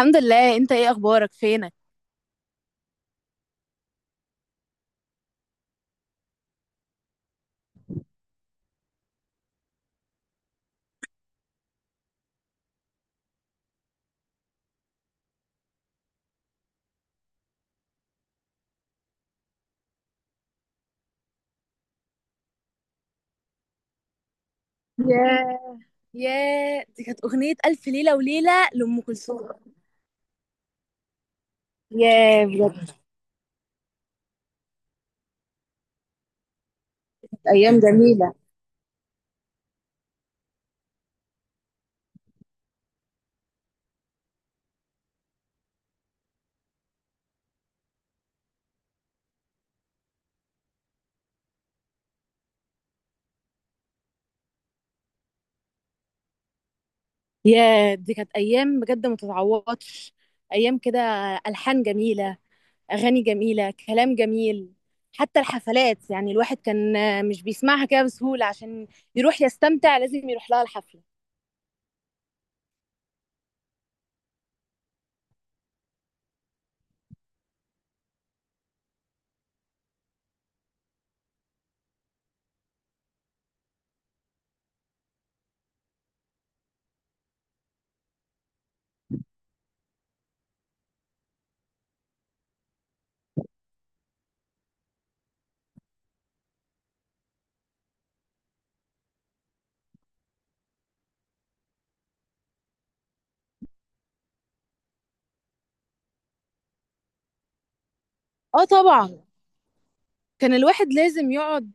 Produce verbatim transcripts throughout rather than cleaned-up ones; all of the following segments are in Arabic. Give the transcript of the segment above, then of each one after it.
الحمد لله، انت ايه اخبارك؟ فينك؟ ياه. ياه، دي كانت أغنية ألف ليلة وليلة لأم كلثوم. ياه بجد، كانت ايام جميله. ياه، دي كانت أيام بجد ما تتعوضش. أيام كده، ألحان جميلة، أغاني جميلة، كلام جميل. حتى الحفلات، يعني الواحد كان مش بيسمعها كده بسهولة عشان يروح يستمتع، لازم يروح لها الحفلة. اه طبعا، كان الواحد لازم يقعد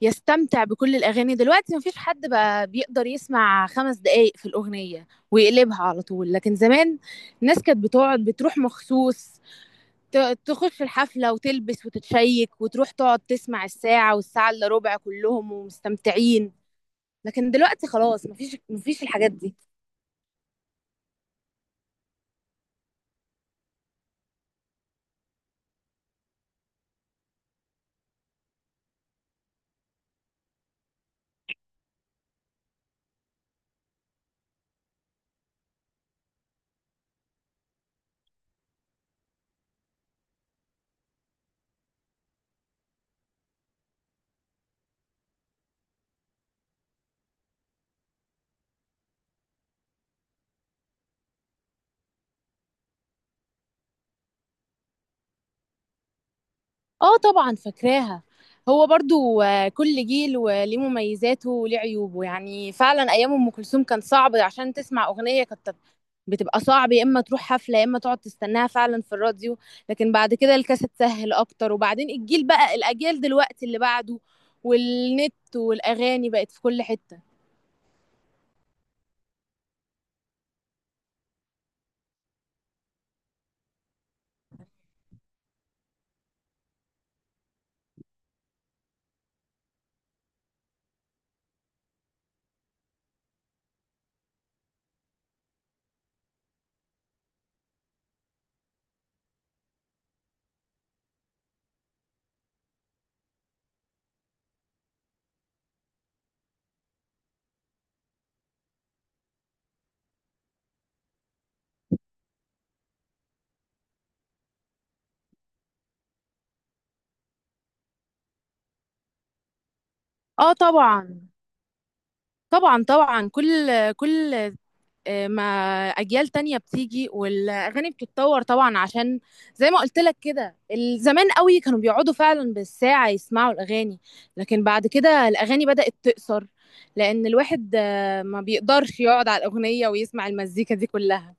يستمتع بكل الأغاني. دلوقتي مفيش حد بقى بيقدر يسمع خمس دقايق في الأغنية ويقلبها على طول، لكن زمان الناس كانت بتقعد بتروح مخصوص، ت- تخش الحفلة وتلبس وتتشيك وتروح تقعد تسمع الساعة والساعة إلا ربع كلهم ومستمتعين. لكن دلوقتي خلاص، مفيش مفيش الحاجات دي. اه طبعا، فاكراها. هو برضو، آه، كل جيل وليه مميزاته وليه عيوبه، يعني فعلا أيام أم كلثوم كان صعب عشان تسمع أغنية، كانت بتبقى صعب، يا اما تروح حفله يا اما تقعد تستناها فعلا في الراديو. لكن بعد كده الكاسيت سهل اكتر، وبعدين الجيل، بقى الاجيال دلوقتي اللي بعده، والنت والاغاني بقت في كل حته. اه طبعا طبعا طبعا، كل كل مع اجيال تانية بتيجي والاغاني بتتطور طبعا، عشان زي ما قلت لك كده، زمان قوي كانوا بيقعدوا فعلا بالساعة يسمعوا الاغاني. لكن بعد كده الاغاني بدأت تقصر، لان الواحد آه، ما بيقدرش يقعد على الاغنية ويسمع المزيكا دي كلها.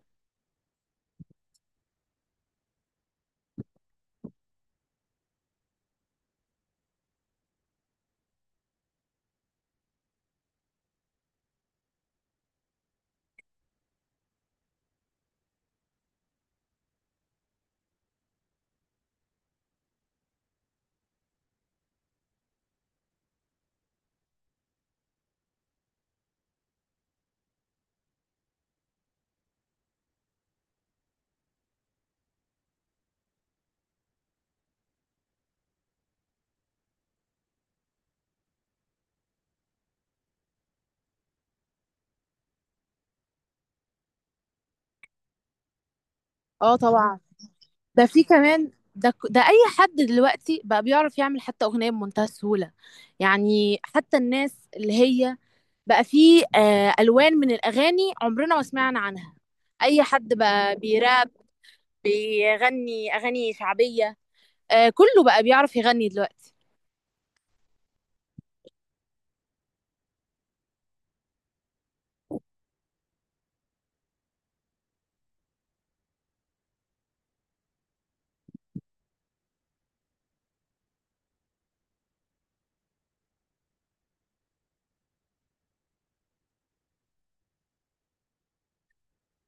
اه طبعا، ده في كمان، ده ك- ده اي حد دلوقتي بقى بيعرف يعمل حتى اغنية بمنتهى السهولة. يعني حتى الناس اللي هي، بقى فيه آه، ألوان من الأغاني عمرنا ما سمعنا عنها. أي حد بقى بيراب، بيغني أغاني شعبية، آه، كله بقى بيعرف يغني دلوقتي.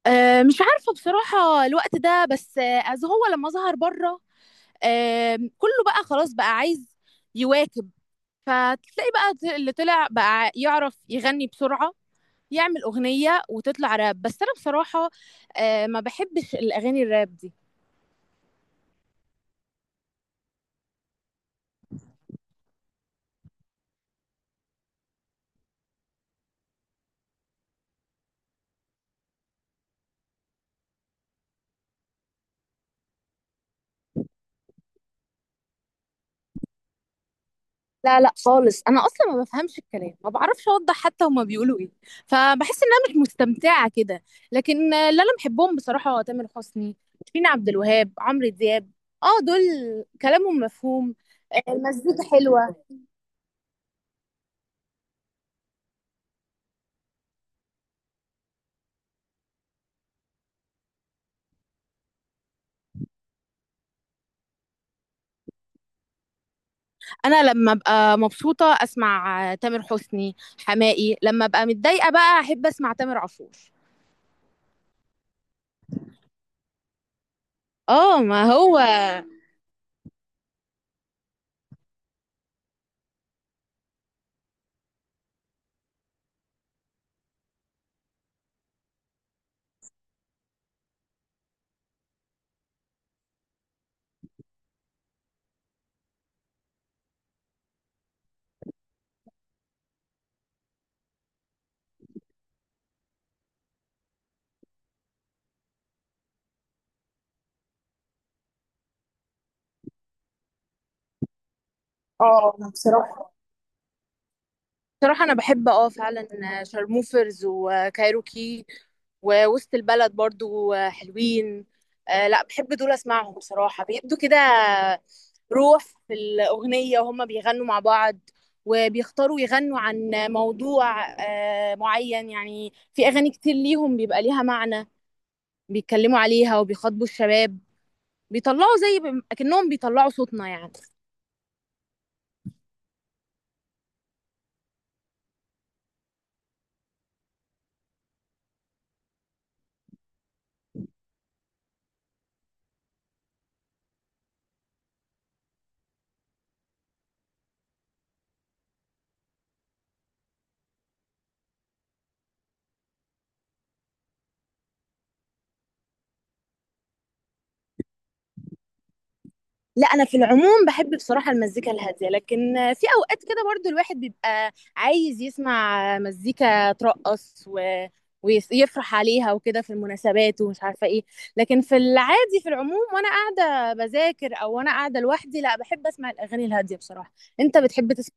آه، مش عارفة بصراحة الوقت ده، بس آه، أز هو لما ظهر بره. آه، كله بقى خلاص بقى عايز يواكب، فتلاقي بقى اللي طلع بقى يعرف يغني بسرعة، يعمل أغنية وتطلع راب. بس أنا بصراحة آه، ما بحبش الأغاني الراب دي. لا لا خالص، انا اصلا ما بفهمش الكلام، ما بعرفش اوضح حتى هما بيقولوا ايه، فبحس ان انا مش مستمتعه كده. لكن اللي انا بحبهم بصراحه تامر حسني، شيرين عبد الوهاب، عمرو دياب، اه دول كلامهم مفهوم. آه، المزيكا حلوه. انا لما ابقى مبسوطه اسمع تامر حسني، حماقي. لما ابقى متضايقه بقى احب اسمع تامر عاشور. اه ما هو. اه بصراحة، بصراحة أنا بحب، اه فعلا. آه، شارموفرز وكايروكي ووسط البلد برضو حلوين. آه لا، بحب دول أسمعهم بصراحة، بيبدوا كده روح في الأغنية، وهم بيغنوا مع بعض وبيختاروا يغنوا عن موضوع آه معين. يعني في أغاني كتير ليهم بيبقى ليها معنى، بيتكلموا عليها وبيخاطبوا الشباب، بيطلعوا زي، ب- أكنهم بيطلعوا صوتنا يعني. لا، انا في العموم بحب بصراحه المزيكا الهاديه، لكن في اوقات كده برضو الواحد بيبقى عايز يسمع مزيكا ترقص و... ويفرح عليها وكده في المناسبات ومش عارفه ايه. لكن في العادي في العموم، وانا قاعده بذاكر او وانا قاعده لوحدي، لا، بحب اسمع الاغاني الهاديه بصراحه. انت بتحب تسمع؟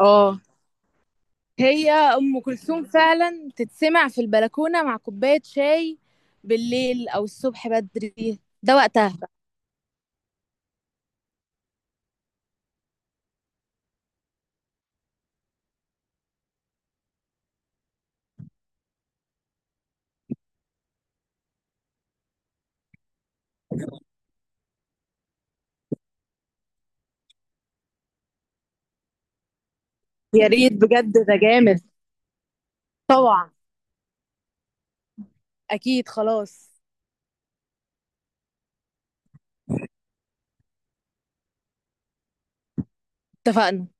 اه، هي ام كلثوم فعلا تتسمع في البلكونه مع كوبايه شاي بالليل او الصبح بدري، ده وقتها. يا ريت بجد، ده جامد. طبعا، اكيد، خلاص. اتفقنا.